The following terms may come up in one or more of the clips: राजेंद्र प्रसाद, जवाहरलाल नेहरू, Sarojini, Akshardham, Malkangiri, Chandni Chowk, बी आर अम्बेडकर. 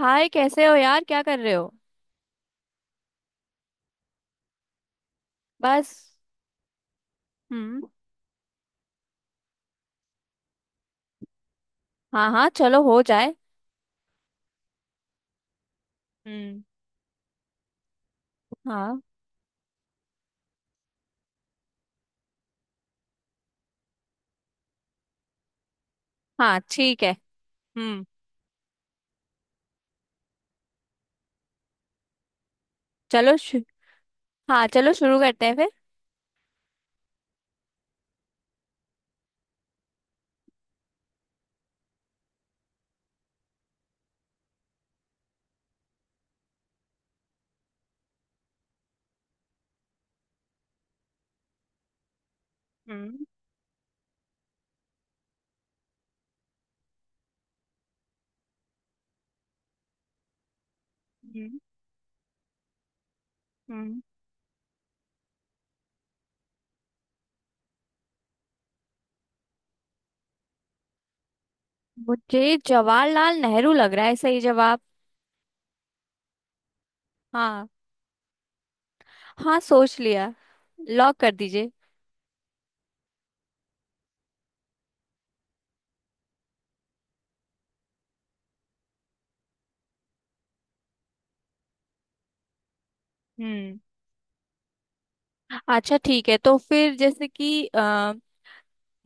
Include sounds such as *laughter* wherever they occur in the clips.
हाय कैसे हो यार, क्या कर रहे हो। बस। हम्म। हाँ हाँ, चलो हो जाए। हम्म। हाँ हाँ, ठीक है। हम्म। चलो शु... हाँ चलो शुरू करते हैं फिर। हम्म। हम्म। हम्म। मुझे जवाहरलाल नेहरू लग रहा है सही जवाब। हाँ। हाँ सोच लिया। लॉक कर दीजिए। हम्म। अच्छा ठीक है, तो फिर जैसे कि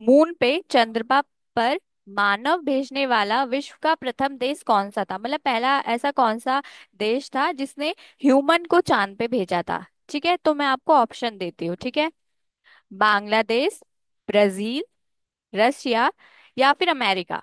मून पे, चंद्रमा पर मानव भेजने वाला विश्व का प्रथम देश कौन सा था। मतलब पहला ऐसा कौन सा देश था जिसने ह्यूमन को चांद पे भेजा था। ठीक है, तो मैं आपको ऑप्शन देती हूँ। ठीक है। बांग्लादेश, ब्राजील, रसिया या फिर अमेरिका।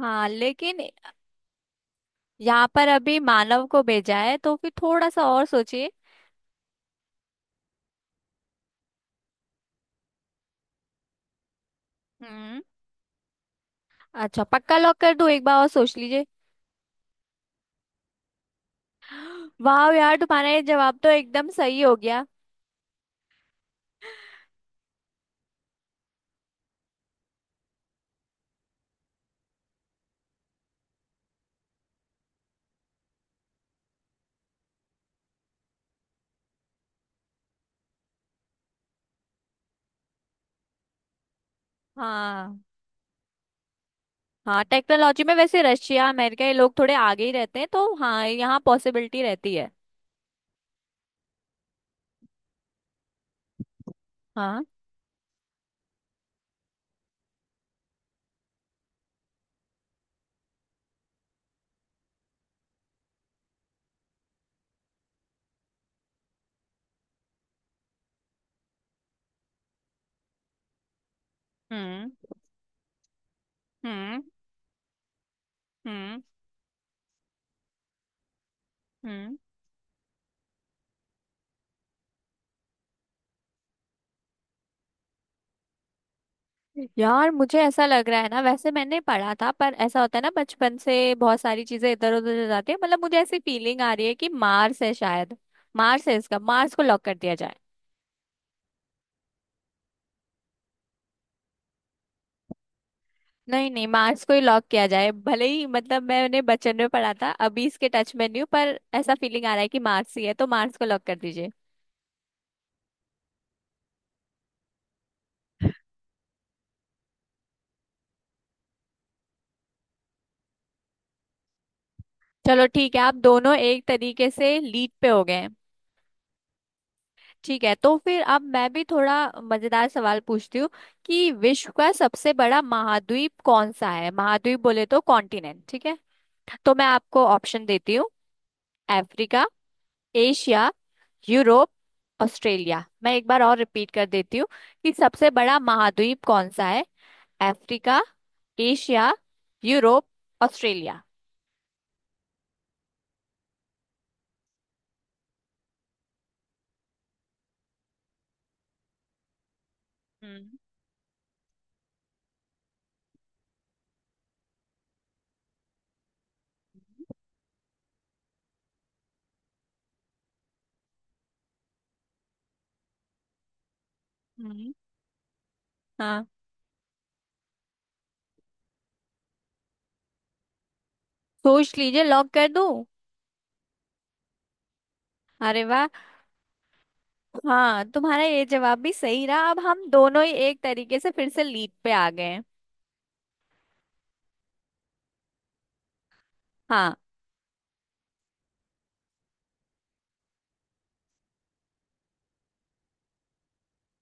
हाँ लेकिन यहाँ पर अभी मानव को भेजा है, तो फिर थोड़ा सा और सोचिए। हम्म। अच्छा पक्का लॉक कर दूं, एक बार और सोच लीजिए। *gasps* वाह यार, तुम्हारा ये जवाब तो एकदम सही हो गया। हाँ। हाँ टेक्नोलॉजी में वैसे रशिया अमेरिका, ये लोग थोड़े आगे ही रहते हैं, तो हाँ यहाँ पॉसिबिलिटी रहती है। हाँ। हम्म। हम्म। हम्म। हम्म। यार मुझे ऐसा लग रहा है ना, वैसे मैंने पढ़ा था, पर ऐसा होता है ना बचपन से बहुत सारी चीजें इधर उधर हो जाती है। मतलब मुझे ऐसी फीलिंग आ रही है कि मार्स है शायद। मार्स है इसका, मार्स को लॉक कर दिया जाए। नहीं नहीं, मार्स को ही लॉक किया जाए। भले ही मतलब मैंने बचपन में पढ़ा था, अभी इसके टच में नहीं हूँ, पर ऐसा फीलिंग आ रहा है कि मार्स ही है, तो मार्स को लॉक कर दीजिए। चलो ठीक है, आप दोनों एक तरीके से लीड पे हो गए हैं। ठीक है, तो फिर अब मैं भी थोड़ा मजेदार सवाल पूछती हूँ कि विश्व का सबसे बड़ा महाद्वीप कौन सा है। महाद्वीप बोले तो कॉन्टिनेंट, ठीक है। तो मैं आपको ऑप्शन देती हूँ। Africa, Asia, Europe, Australia. मैं एक बार और रिपीट कर देती हूँ कि सबसे बड़ा महाद्वीप कौन सा है। Africa, Asia, Europe, Australia. हम्म। हम्म। हाँ। सोच लीजिए, लॉक कर दूं। अरे वाह! हाँ तुम्हारा ये जवाब भी सही रहा, अब हम दोनों ही एक तरीके से फिर से लीड पे आ गए हैं। हाँ।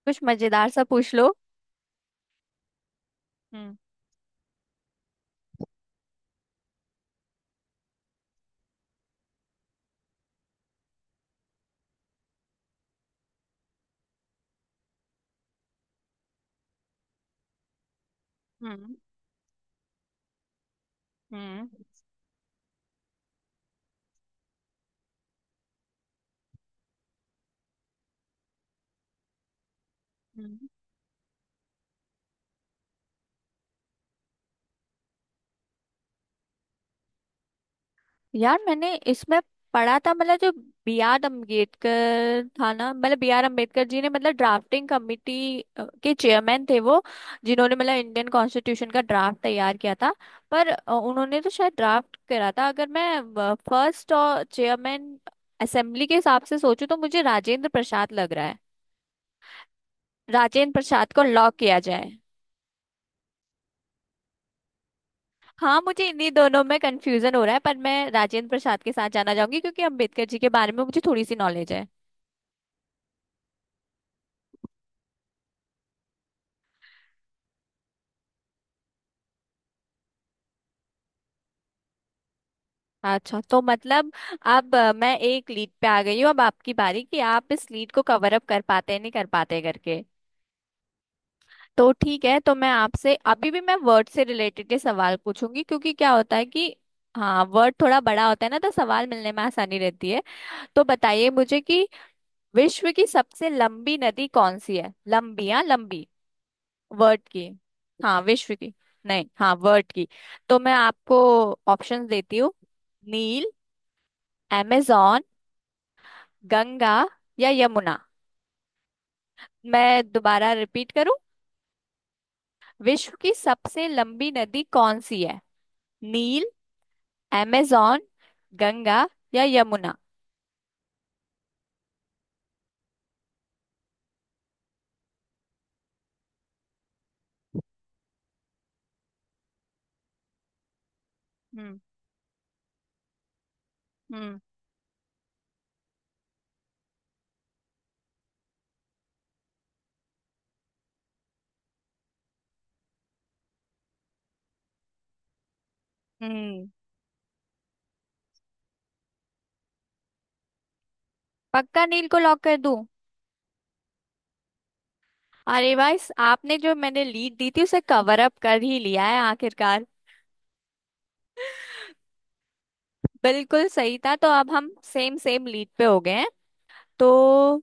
कुछ मजेदार सा पूछ लो। हम्म। हम्म। हम्म। हम्म। यार मैंने इसमें पढ़ा था मतलब, जो बी आर अम्बेडकर था ना, मतलब बी आर अम्बेडकर जी ने मतलब ड्राफ्टिंग कमेटी के चेयरमैन थे वो, जिन्होंने मतलब इंडियन कॉन्स्टिट्यूशन का ड्राफ्ट तैयार किया था। पर उन्होंने तो शायद ड्राफ्ट करा था। अगर मैं फर्स्ट और चेयरमैन असेंबली के हिसाब से सोचूं तो मुझे राजेंद्र प्रसाद लग रहा है। राजेंद्र प्रसाद को लॉक किया जाए। हाँ मुझे इन्हीं दोनों में कंफ्यूजन हो रहा है, पर मैं राजेंद्र प्रसाद के साथ जाना चाहूंगी क्योंकि अम्बेडकर जी के बारे में मुझे थोड़ी सी नॉलेज है। अच्छा तो मतलब अब मैं एक लीड पे आ गई हूँ। अब आपकी बारी कि आप इस लीड को कवर अप कर पाते हैं नहीं कर पाते करके। तो ठीक है, तो मैं आपसे अभी भी मैं वर्ड से रिलेटेड के सवाल पूछूंगी, क्योंकि क्या होता है कि हाँ वर्ड थोड़ा बड़ा होता है ना, तो सवाल मिलने में आसानी रहती है। तो बताइए मुझे कि विश्व की सबसे लंबी नदी कौन सी है। लंबी, हाँ लंबी। वर्ड की। हाँ विश्व की। नहीं, हाँ वर्ड की। तो मैं आपको ऑप्शंस देती हूँ। नील, amazon, गंगा या यमुना। मैं दोबारा रिपीट करूं। विश्व की सबसे लंबी नदी कौन सी है। नील, अमेजॉन, गंगा या यमुना। हम्म। हम्म। हम्म। पक्का नील को लॉक कर दूं। अरे भाई, आपने जो मैंने लीड दी थी उसे कवर अप कर ही लिया है आखिरकार। बिल्कुल सही था, तो अब हम सेम सेम लीड पे हो गए हैं। तो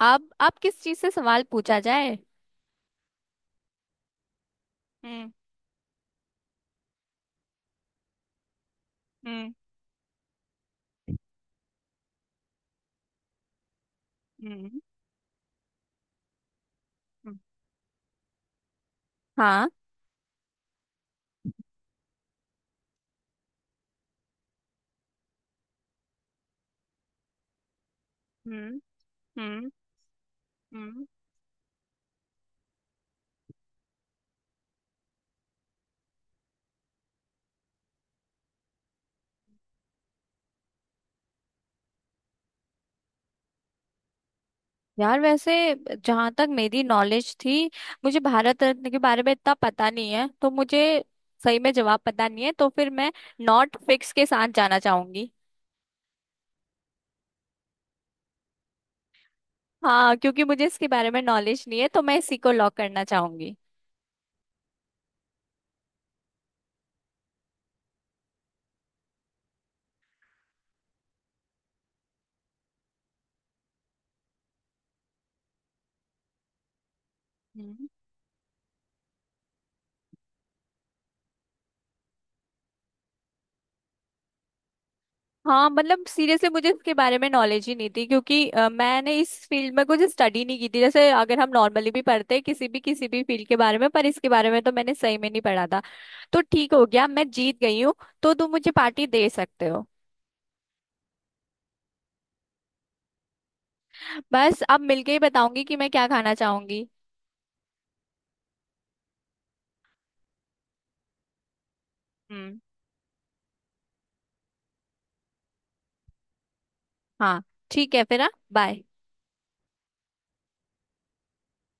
अब किस चीज से सवाल पूछा जाए। हम्म। हम्म। हम्म। हम्म। हाँ। हम्म। हम्म। हम्म। यार वैसे जहां तक मेरी नॉलेज थी, मुझे भारत रत्न के बारे में इतना पता नहीं है, तो मुझे सही में जवाब पता नहीं है, तो फिर मैं नॉट फिक्स के साथ जाना चाहूंगी। हाँ क्योंकि मुझे इसके बारे में नॉलेज नहीं है, तो मैं इसी को लॉक करना चाहूंगी। हम्म। हाँ मतलब सीरियसली मुझे इसके बारे में नॉलेज ही नहीं थी, क्योंकि मैंने इस फील्ड में कुछ स्टडी नहीं की थी। जैसे अगर हम नॉर्मली भी पढ़ते हैं किसी भी फील्ड के बारे में, पर इसके बारे में तो मैंने सही में नहीं पढ़ा था। तो ठीक हो गया, मैं जीत गई हूँ। तो तुम मुझे पार्टी दे सकते हो। बस अब मिलके ही बताऊंगी कि मैं क्या खाना चाहूंगी। हम्म। हाँ। ठीक है फिर, हाँ बाय।